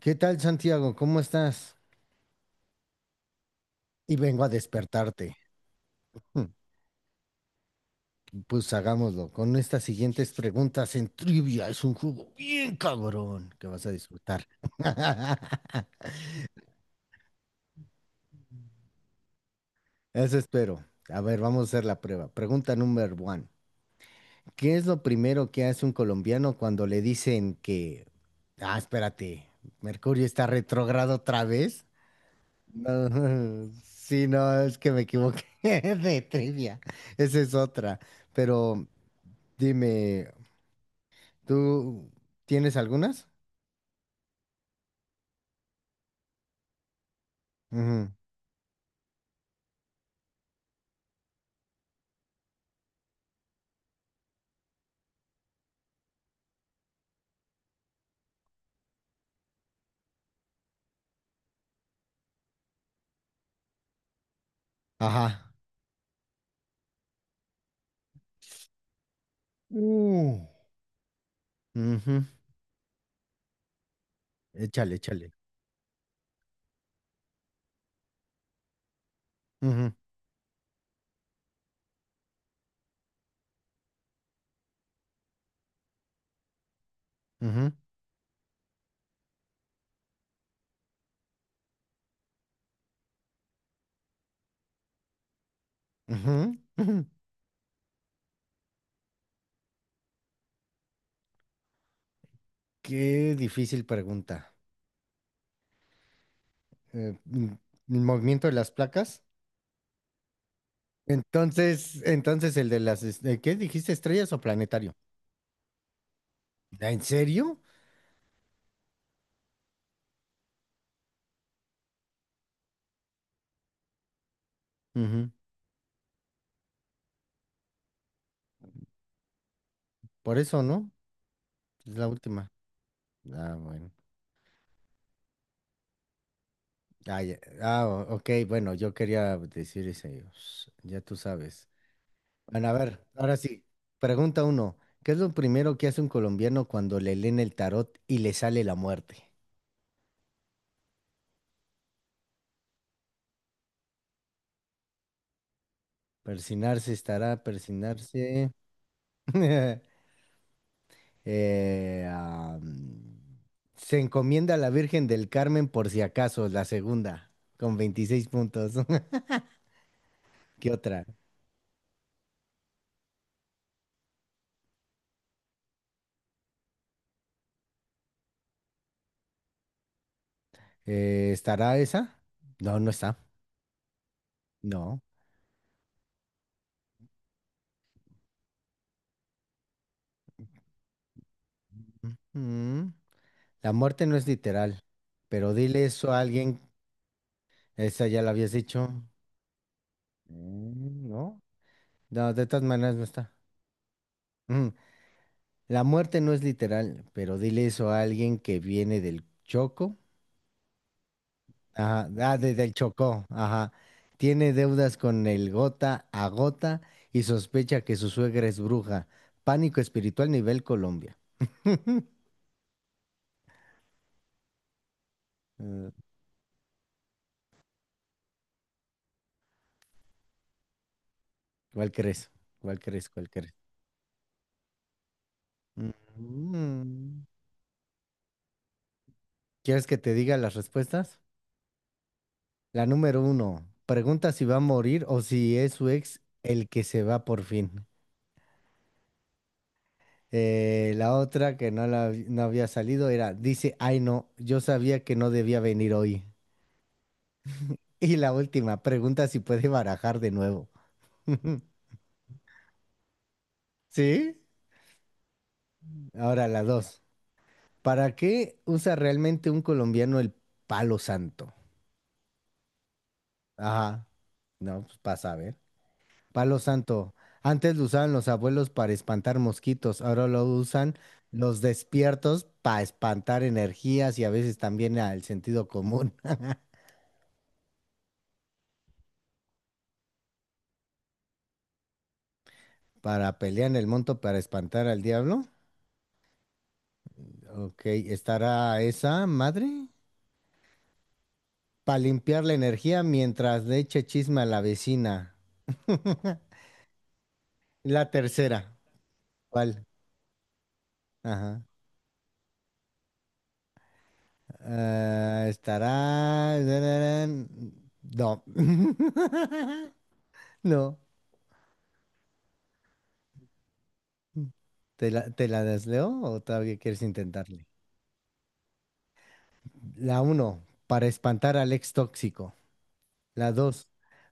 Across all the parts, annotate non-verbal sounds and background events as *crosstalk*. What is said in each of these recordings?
¿Qué tal, Santiago? ¿Cómo estás? Y vengo a despertarte. Hmm, Pues hagámoslo con estas siguientes preguntas en trivia. Es un juego bien cabrón que vas a disfrutar. *laughs* Eso espero. A ver, vamos a hacer la prueba. Pregunta número one. ¿Qué es lo primero que hace un colombiano cuando le dicen que... Ah, espérate, ¿Mercurio está retrógrado otra vez? No, *laughs* sí, no, es que me equivoqué *laughs* de trivia. Esa es otra. Pero dime, ¿tú tienes algunas? Ujú. Ajá. Uh. Ujú. Échale, échale. Ujú, ujú, ujú, ujú. Qué difícil pregunta. Eh, mm, ¿El movimiento de las placas? Entonces el de las, ¿qué dijiste? ¿Estrellas o planetario? ¿En serio? Ujú. Por eso, ¿no? Es la última. Ah, bueno. Ah, ok, bueno, yo quería decir ese. Ya tú sabes. Bueno, a ver, ahora sí. Pregunta uno. ¿Qué es lo primero que hace un colombiano cuando le leen el tarot y le sale la muerte? Persinarse estará, persinarse. *laughs* Eh, am, Se encomienda a la Virgen del Carmen por si acaso, la segunda, con 26 puntos. *laughs* ¿Qué otra? ¿Estará esa? No, no está. No. Mm, La muerte no es literal, pero dile eso a alguien. Esa ya la habías dicho. Mm. No. No, de todas maneras no está. Ujú. La muerte no es literal, pero dile eso a alguien que viene del Choco. Ajá, del Chocó, ajá. Tiene deudas con el gota a gota y sospecha que su suegra es bruja. Pánico espiritual nivel Colombia. Eh, ¿Cuál crees? ¿Cuál crees? ¿Cuál crees? Mm. ¿Quieres que te diga las respuestas? La número uno, pregunta si va a morir o si es su ex el que se va por fin. La otra que no, no había salido era, dice, ay no, yo sabía que no debía venir hoy. *laughs* Y la última, pregunta si puede barajar de nuevo. *laughs* ¿Sí? Ahora la dos. ¿Para qué usa realmente un colombiano el palo santo? Ajá. No, pues para saber. Palo santo. Antes lo usaban los abuelos para espantar mosquitos, ahora lo usan los despiertos para espantar energías y a veces también al sentido común. Para pelear en el monto para espantar al diablo. Ok, ¿estará esa madre? Para limpiar la energía mientras le eche chisme a la vecina. La tercera. ¿Cuál? Ajá. Ah, estará. No. *laughs* No. ¿Te la desleo o todavía quieres intentarle? La uno. Para espantar al ex tóxico. La dos,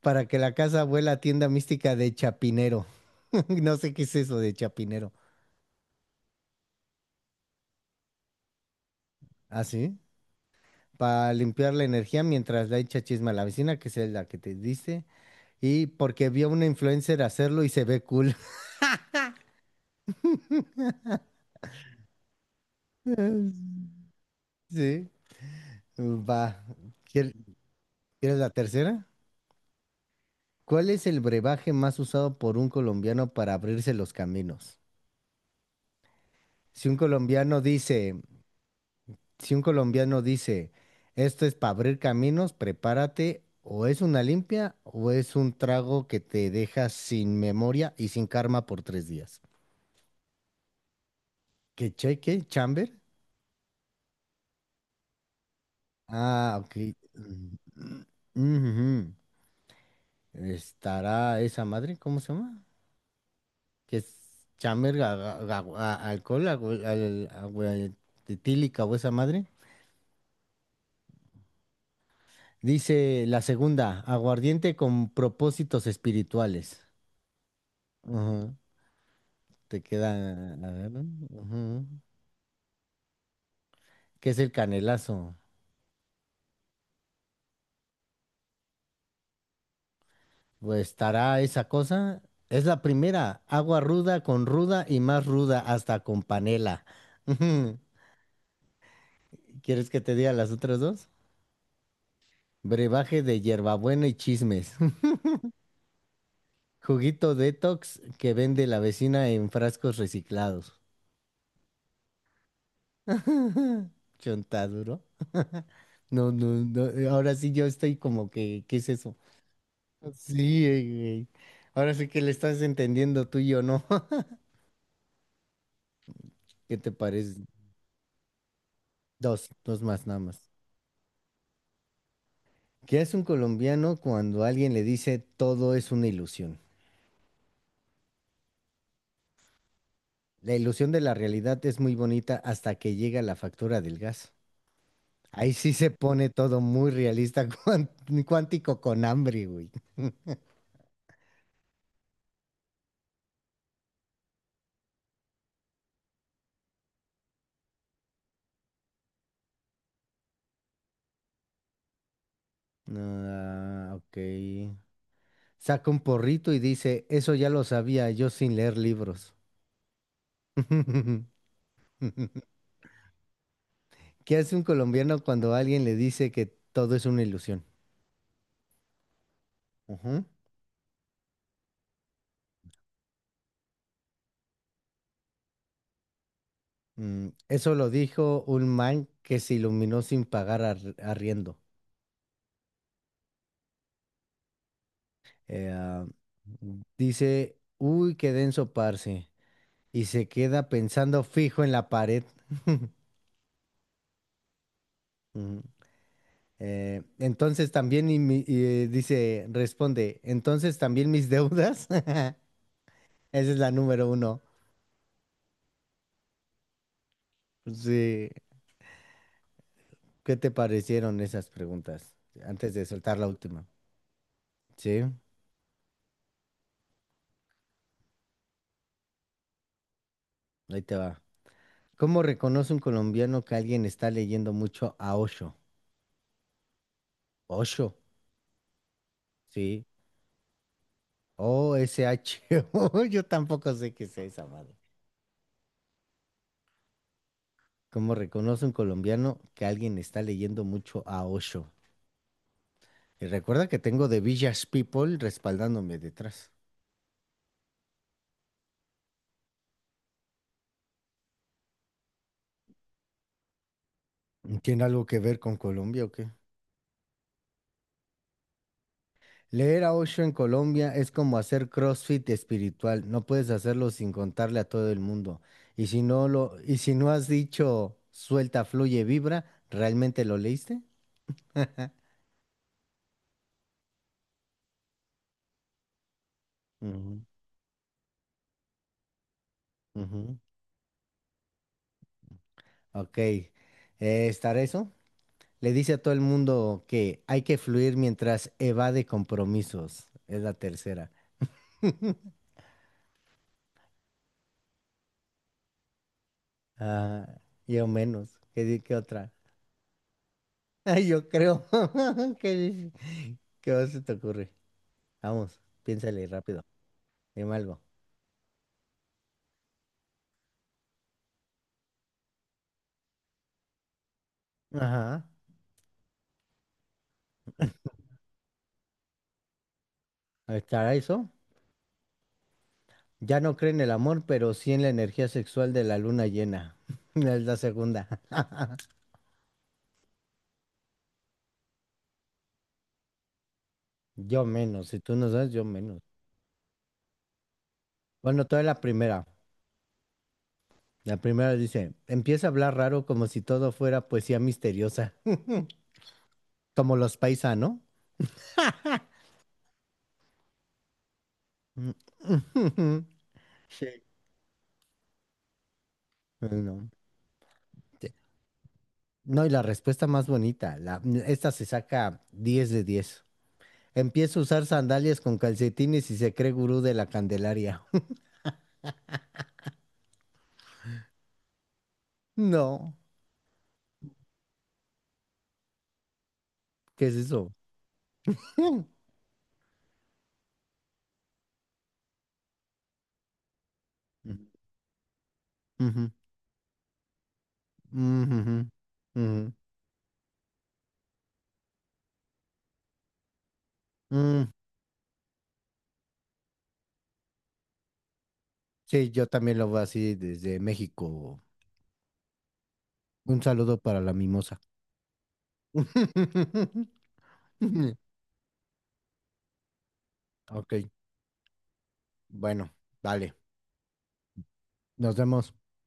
para que la casa vuela tienda mística de Chapinero. *laughs* No sé qué es eso de Chapinero. ¿Ah, sí? Para limpiar la energía mientras la echa chisma a la vecina, que es la que te dice. Y porque vio a una influencer hacerlo y se ve cool. *laughs* Sí, va. ¿Quier- ¿Quieres la tercera? ¿Cuál es el brebaje más usado por un colombiano para abrirse los caminos? Si un colombiano dice si un colombiano dice, esto es para abrir caminos, prepárate, o es una limpia o es un trago que te deja sin memoria y sin karma por 3 días. ¿Qué cheque? ¿Chamber? Ah, ok. Mm, mm, ujú. ¿Estará esa madre? ¿Cómo se llama? ¿Qué es chamber? ¿Alcohol? ¿Agua etílica o esa madre? Dice la segunda, aguardiente con propósitos espirituales. Te queda, a ver. Ujú. ¿Qué es el canelazo? Pues estará esa cosa. Es la primera, agua ruda con ruda y más ruda hasta con panela. Ujú. ¿Quieres que te diga las otras dos? Brebaje de hierbabuena y chismes. *laughs* Juguito detox que vende la vecina en frascos reciclados. *laughs* Chontaduro. *laughs* No, no, no. Ahora sí yo estoy como que, ¿qué es eso? Sí, güey. Ahora sí que le estás entendiendo tú y yo, ¿no? *laughs* ¿Qué te parece? Dos, dos más, nada más. ¿Qué es un colombiano cuando alguien le dice todo es una ilusión? La ilusión de la realidad es muy bonita hasta que llega la factura del gas. Ahí sí se pone todo muy realista, *laughs* cuántico con hambre, güey. Ah, ok. Saca un porrito y dice, eso ya lo sabía yo sin leer libros. *laughs* ¿Qué hace un colombiano cuando alguien le dice que todo es una ilusión? Ujú. Eso lo dijo un man que se iluminó sin pagar arriendo. Eh, ah, Dice, uy, qué denso, parce, y se queda pensando fijo en la pared. Ujú. Entonces también, dice, responde, entonces también mis deudas. *laughs* Esa es la número uno. Sí, ¿qué te parecieron esas preguntas? Antes de soltar la última. Sí. Ahí te va. ¿Cómo reconoce un colombiano que alguien está leyendo mucho a Osho? Osho, sí. Osho. *laughs* Yo tampoco sé qué sea esa madre. ¿Cómo reconoce un colombiano que alguien está leyendo mucho a Osho? Y recuerda que tengo The Village People respaldándome detrás. ¿Tiene algo que ver con Colombia o qué? Leer a Osho en Colombia es como hacer CrossFit espiritual. No puedes hacerlo sin contarle a todo el mundo. Y si no has dicho suelta, fluye, vibra, ¿realmente lo leíste? Ujú, ujú. Ok. ¿Estará eso? Le dice a todo el mundo que hay que fluir mientras evade compromisos. Es la tercera. *laughs* Ah, yo menos. ¿Qué, qué otra? *laughs* Ay, yo creo. *laughs* ¿Qué, qué más se te ocurre? Vamos, piénsale rápido. Dime algo. Ajá. Ahí está eso. Ya no cree en el amor, pero sí en la energía sexual de la luna llena. *laughs* Es la segunda. *laughs* Yo menos. Si tú no sabes, yo menos. Bueno, toda la primera. La primera dice, empieza a hablar raro como si todo fuera poesía misteriosa. *laughs* Como los paisanos. *laughs* Sí. No. Sí. No, y la respuesta más bonita. Esta se saca 10 de 10. Empieza a usar sandalias con calcetines y se cree gurú de la Candelaria. *laughs* No, ¿qué es eso? Mm, ujú, mm, ujú, ujú, mm. Sí, yo también lo veo así desde México. Un saludo para la mimosa. *laughs* Ok, bueno, vale, nos vemos.